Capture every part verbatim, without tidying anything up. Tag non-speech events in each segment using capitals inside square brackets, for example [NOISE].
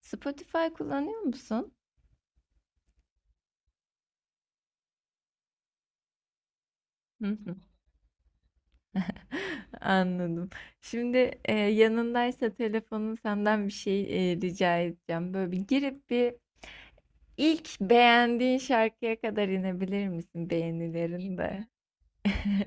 Spotify kullanıyor musun? Hı hı. [LAUGHS] Anladım. Şimdi, eee, yanındaysa telefonun senden bir şey, eee, rica edeceğim. Böyle bir girip bir ilk beğendiğin şarkıya kadar inebilir misin beğenilerinde? [LAUGHS]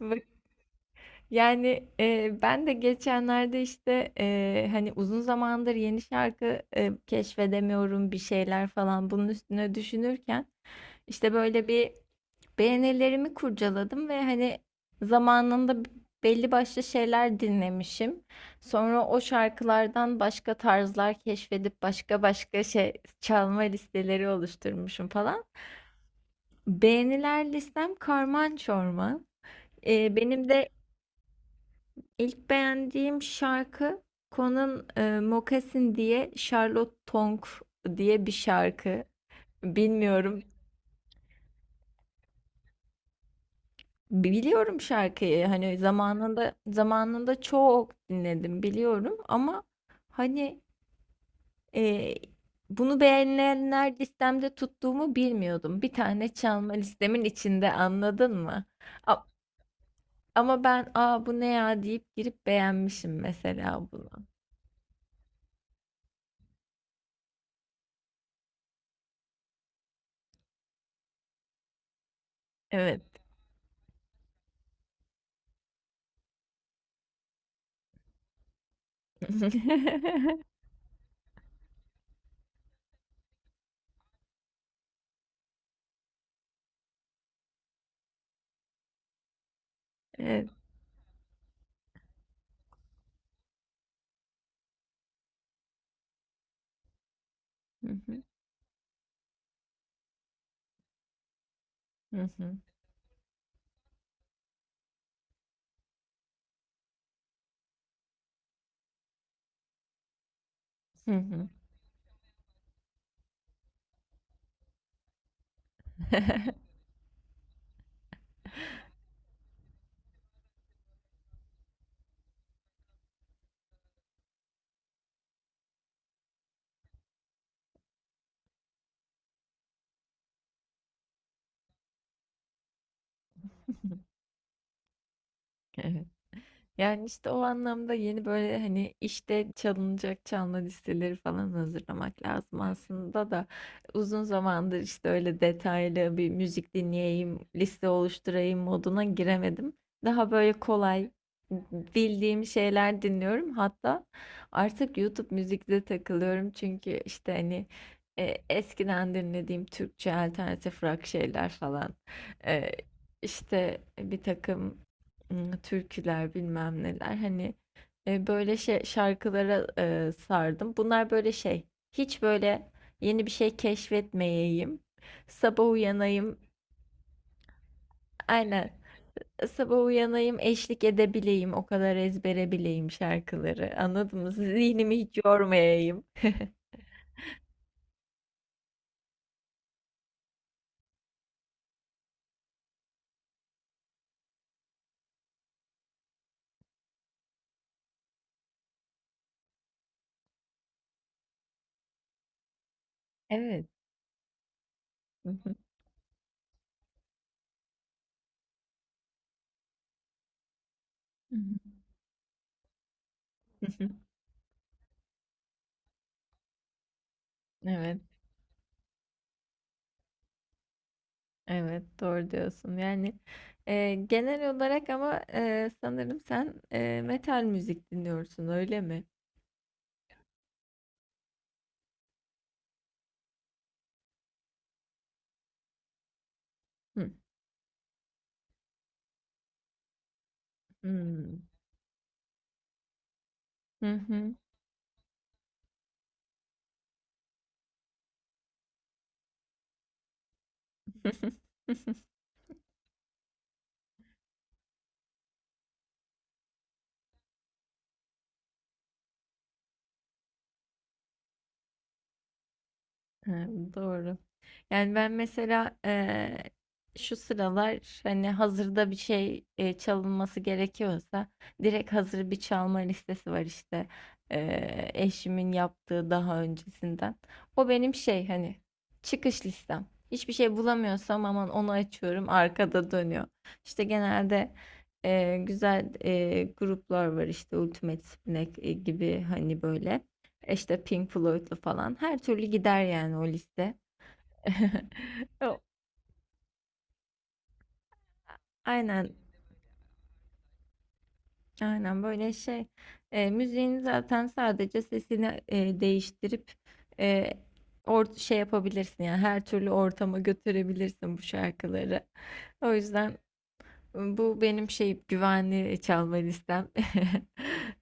Bak, yani, eee, ben de geçenlerde, işte, eee, hani, uzun zamandır yeni şarkı, eee, keşfedemiyorum bir şeyler falan bunun üstüne düşünürken, işte, böyle bir beğenilerimi kurcaladım ve hani zamanında belli başlı şeyler dinlemişim. Sonra o şarkılardan başka tarzlar keşfedip başka başka şey çalma listeleri oluşturmuşum falan. Beğeniler listem karman çorman. Ee, benim de ilk beğendiğim şarkı Conan e, Moccasin diye Charlotte Tonk diye bir şarkı. Bilmiyorum. Biliyorum şarkıyı. Hani zamanında zamanında çok dinledim biliyorum ama hani e, bunu beğenilenler listemde tuttuğumu bilmiyordum. Bir tane çalma listemin içinde anladın mı? A- ama ben aa bu ne ya deyip girip beğenmişim mesela bunu. Evet. [LAUGHS] Evet. Hı hı, hı hı, hı hı. [LAUGHS] Evet. Yani, işte, o anlamda yeni, böyle, hani, işte çalınacak çalma listeleri falan hazırlamak lazım aslında da uzun zamandır, işte, öyle detaylı bir müzik dinleyeyim, liste oluşturayım moduna giremedim. Daha, böyle, kolay, bildiğim şeyler dinliyorum. Hatta artık YouTube müzikte takılıyorum çünkü, işte, hani, eee, eskiden dinlediğim Türkçe alternatif rock şeyler falan, eee, işte, bir takım Imm, türküler, bilmem neler, hani, eee, böyle şey şarkılara, eee, sardım. Bunlar böyle şey, hiç böyle yeni bir şey keşfetmeyeyim, sabah uyanayım. Aynen, sabah uyanayım, eşlik edebileyim, o kadar ezbere bileyim şarkıları, anladın mı? Zihnimi hiç yormayayım. [LAUGHS] Evet. Hı hı. Hı hı. [LAUGHS] Evet, evet, doğru diyorsun. Yani, eee, genel olarak ama, eee, sanırım sen, eee, metal müzik dinliyorsun, öyle mi? Hı, hımm. Hı hı. [LAUGHS] Hı hı. Doğru. Yani ben mesela eee, şu sıralar hani hazırda bir şey eee, çalınması gerekiyorsa direkt hazır bir çalma listesi var işte eee, eşimin yaptığı daha öncesinden. O benim şey hani çıkış listem. Hiçbir şey bulamıyorsam aman onu açıyorum arkada dönüyor. İşte genelde eee, güzel eee, gruplar var işte Ultimate Spinac gibi hani böyle. İşte Pink Floyd'lu falan her türlü gider yani o liste. [LAUGHS] O- Aynen, aynen böyle şey. E, müziğin zaten sadece sesini e, değiştirip e, or şey yapabilirsin yani her türlü ortama götürebilirsin bu şarkıları. O yüzden bu benim şey güvenli çalma listem.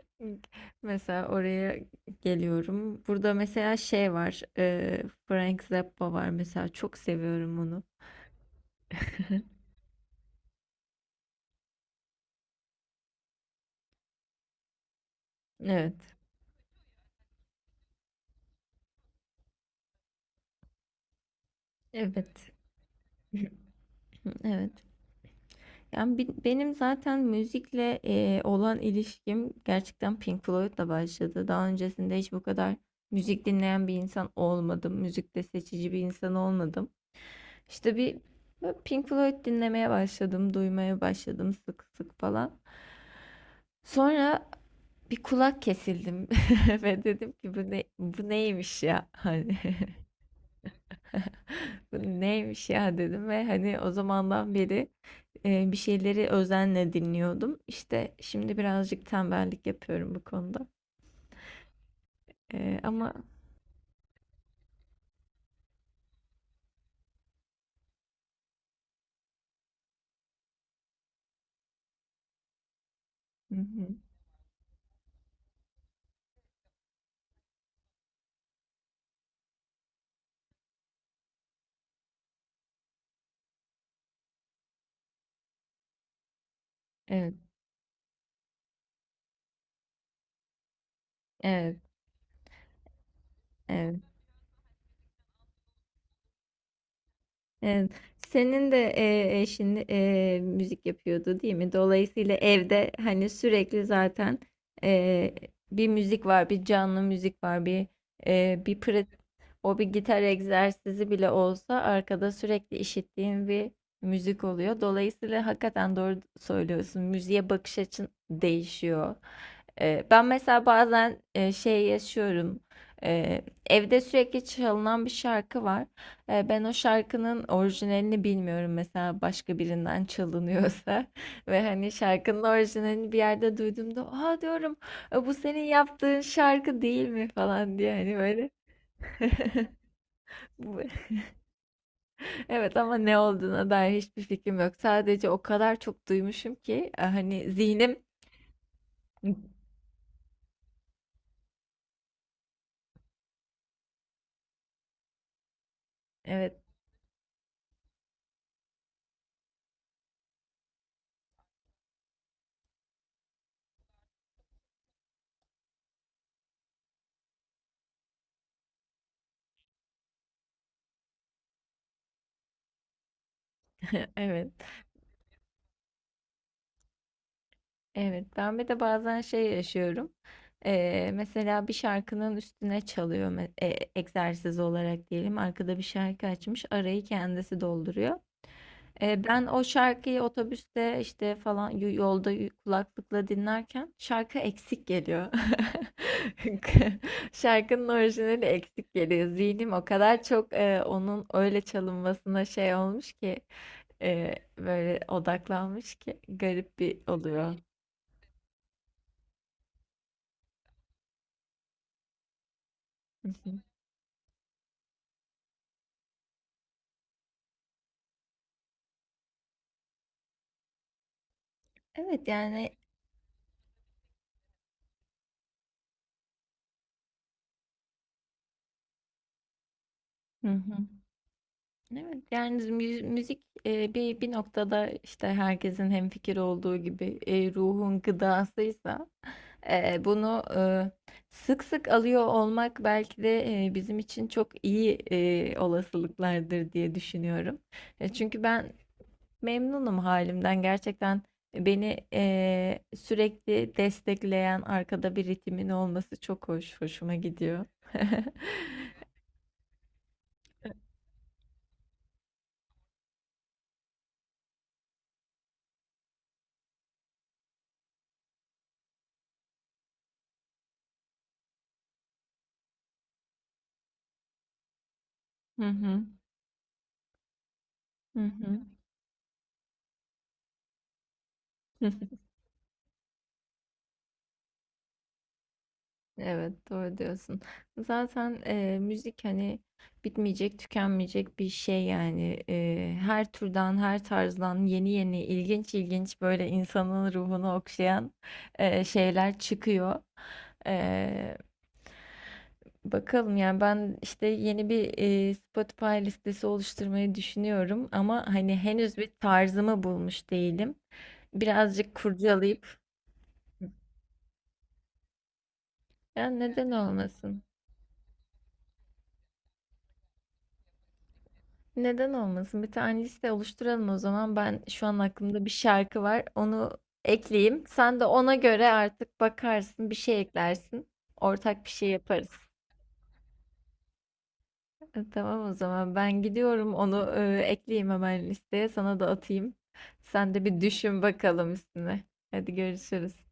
[LAUGHS] Mesela oraya geliyorum. Burada mesela şey var. e, Frank Zappa var mesela çok seviyorum onu. Evet. Evet. Evet. Yani bi- benim zaten müzikle e, olan ilişkim gerçekten Pink Floyd'la başladı. Daha öncesinde hiç bu kadar müzik dinleyen bir insan olmadım. Müzikte seçici bir insan olmadım. İşte bir böyle Pink Floyd dinlemeye başladım, duymaya başladım sık sık falan. Sonra bir kulak kesildim [LAUGHS] ve dedim ki bu ne bu neymiş ya [LAUGHS] hani. [LAUGHS] Bu neymiş ya dedim ve hani o zamandan beri e, bir şeyleri özenle dinliyordum. İşte şimdi birazcık tembellik yapıyorum bu konuda. E, ama Hı hı. Evet, evet, evet, evet. Senin de e, eşin e, müzik yapıyordu değil mi? Dolayısıyla evde hani sürekli zaten e, bir müzik var, bir canlı müzik var, bir e, bir pratik. O bir gitar egzersizi bile olsa arkada sürekli işittiğim bir müzik oluyor. Dolayısıyla hakikaten doğru söylüyorsun. Müziğe bakış açın değişiyor. Ee, ben mesela bazen e, şey yaşıyorum. Ee, evde sürekli çalınan bir şarkı var. Ee, ben o şarkının orijinalini bilmiyorum mesela başka birinden çalınıyorsa [LAUGHS] ve hani şarkının orijinalini bir yerde duyduğumda, "Aa" diyorum, "e, bu senin yaptığın şarkı değil mi?" falan diye hani böyle. [LAUGHS] Evet ama ne olduğuna dair hiçbir fikrim yok. Sadece o kadar çok duymuşum ki e, hani zihnim. Evet. [LAUGHS] Evet, evet. Ben bir de bazen şey yaşıyorum. E, mesela bir şarkının üstüne çalıyor me- e, egzersiz olarak diyelim. Arkada bir şarkı açmış arayı kendisi dolduruyor. E, ben o şarkıyı otobüste işte falan y- yolda y- kulaklıkla dinlerken şarkı eksik geliyor. [LAUGHS] Şarkının orijinali eksik geliyor. Zihnim o kadar çok e, onun öyle çalınmasına şey olmuş ki e, böyle odaklanmış ki garip bir oluyor. Hı hı. Evet yani. Hı hı. Evet yani mü- müzik e, bir bir noktada işte herkesin hemfikir olduğu gibi e, ruhun gıdasıysa Eee, bunu, ııı, sık sık alıyor olmak belki de, eee, bizim için çok iyi, eee, olasılıklardır diye düşünüyorum. E, çünkü ben memnunum halimden. Gerçekten beni, eee, sürekli destekleyen arkada bir ritimin olması çok hoş, hoşuma gidiyor. [LAUGHS] Hı hı. Hı hı. Evet, doğru diyorsun. Zaten e, müzik hani bitmeyecek, tükenmeyecek bir şey yani. E, her türden, her tarzdan yeni yeni ilginç ilginç böyle insanın ruhunu okşayan e, şeyler çıkıyor. E, Bakalım yani ben işte yeni bir e, Spotify listesi oluşturmayı düşünüyorum ama hani henüz bir tarzımı bulmuş değilim. Birazcık kurcalayıp ya neden olmasın? Neden olmasın? Bir tane liste oluşturalım o zaman. Ben şu an aklımda bir şarkı var. Onu ekleyeyim. Sen de ona göre artık bakarsın, bir şey eklersin. Ortak bir şey yaparız. E, Tamam o zaman. Ben gidiyorum. Onu e, ekleyeyim hemen listeye. Sana da atayım. Sen de bir düşün bakalım üstüne. Hadi görüşürüz.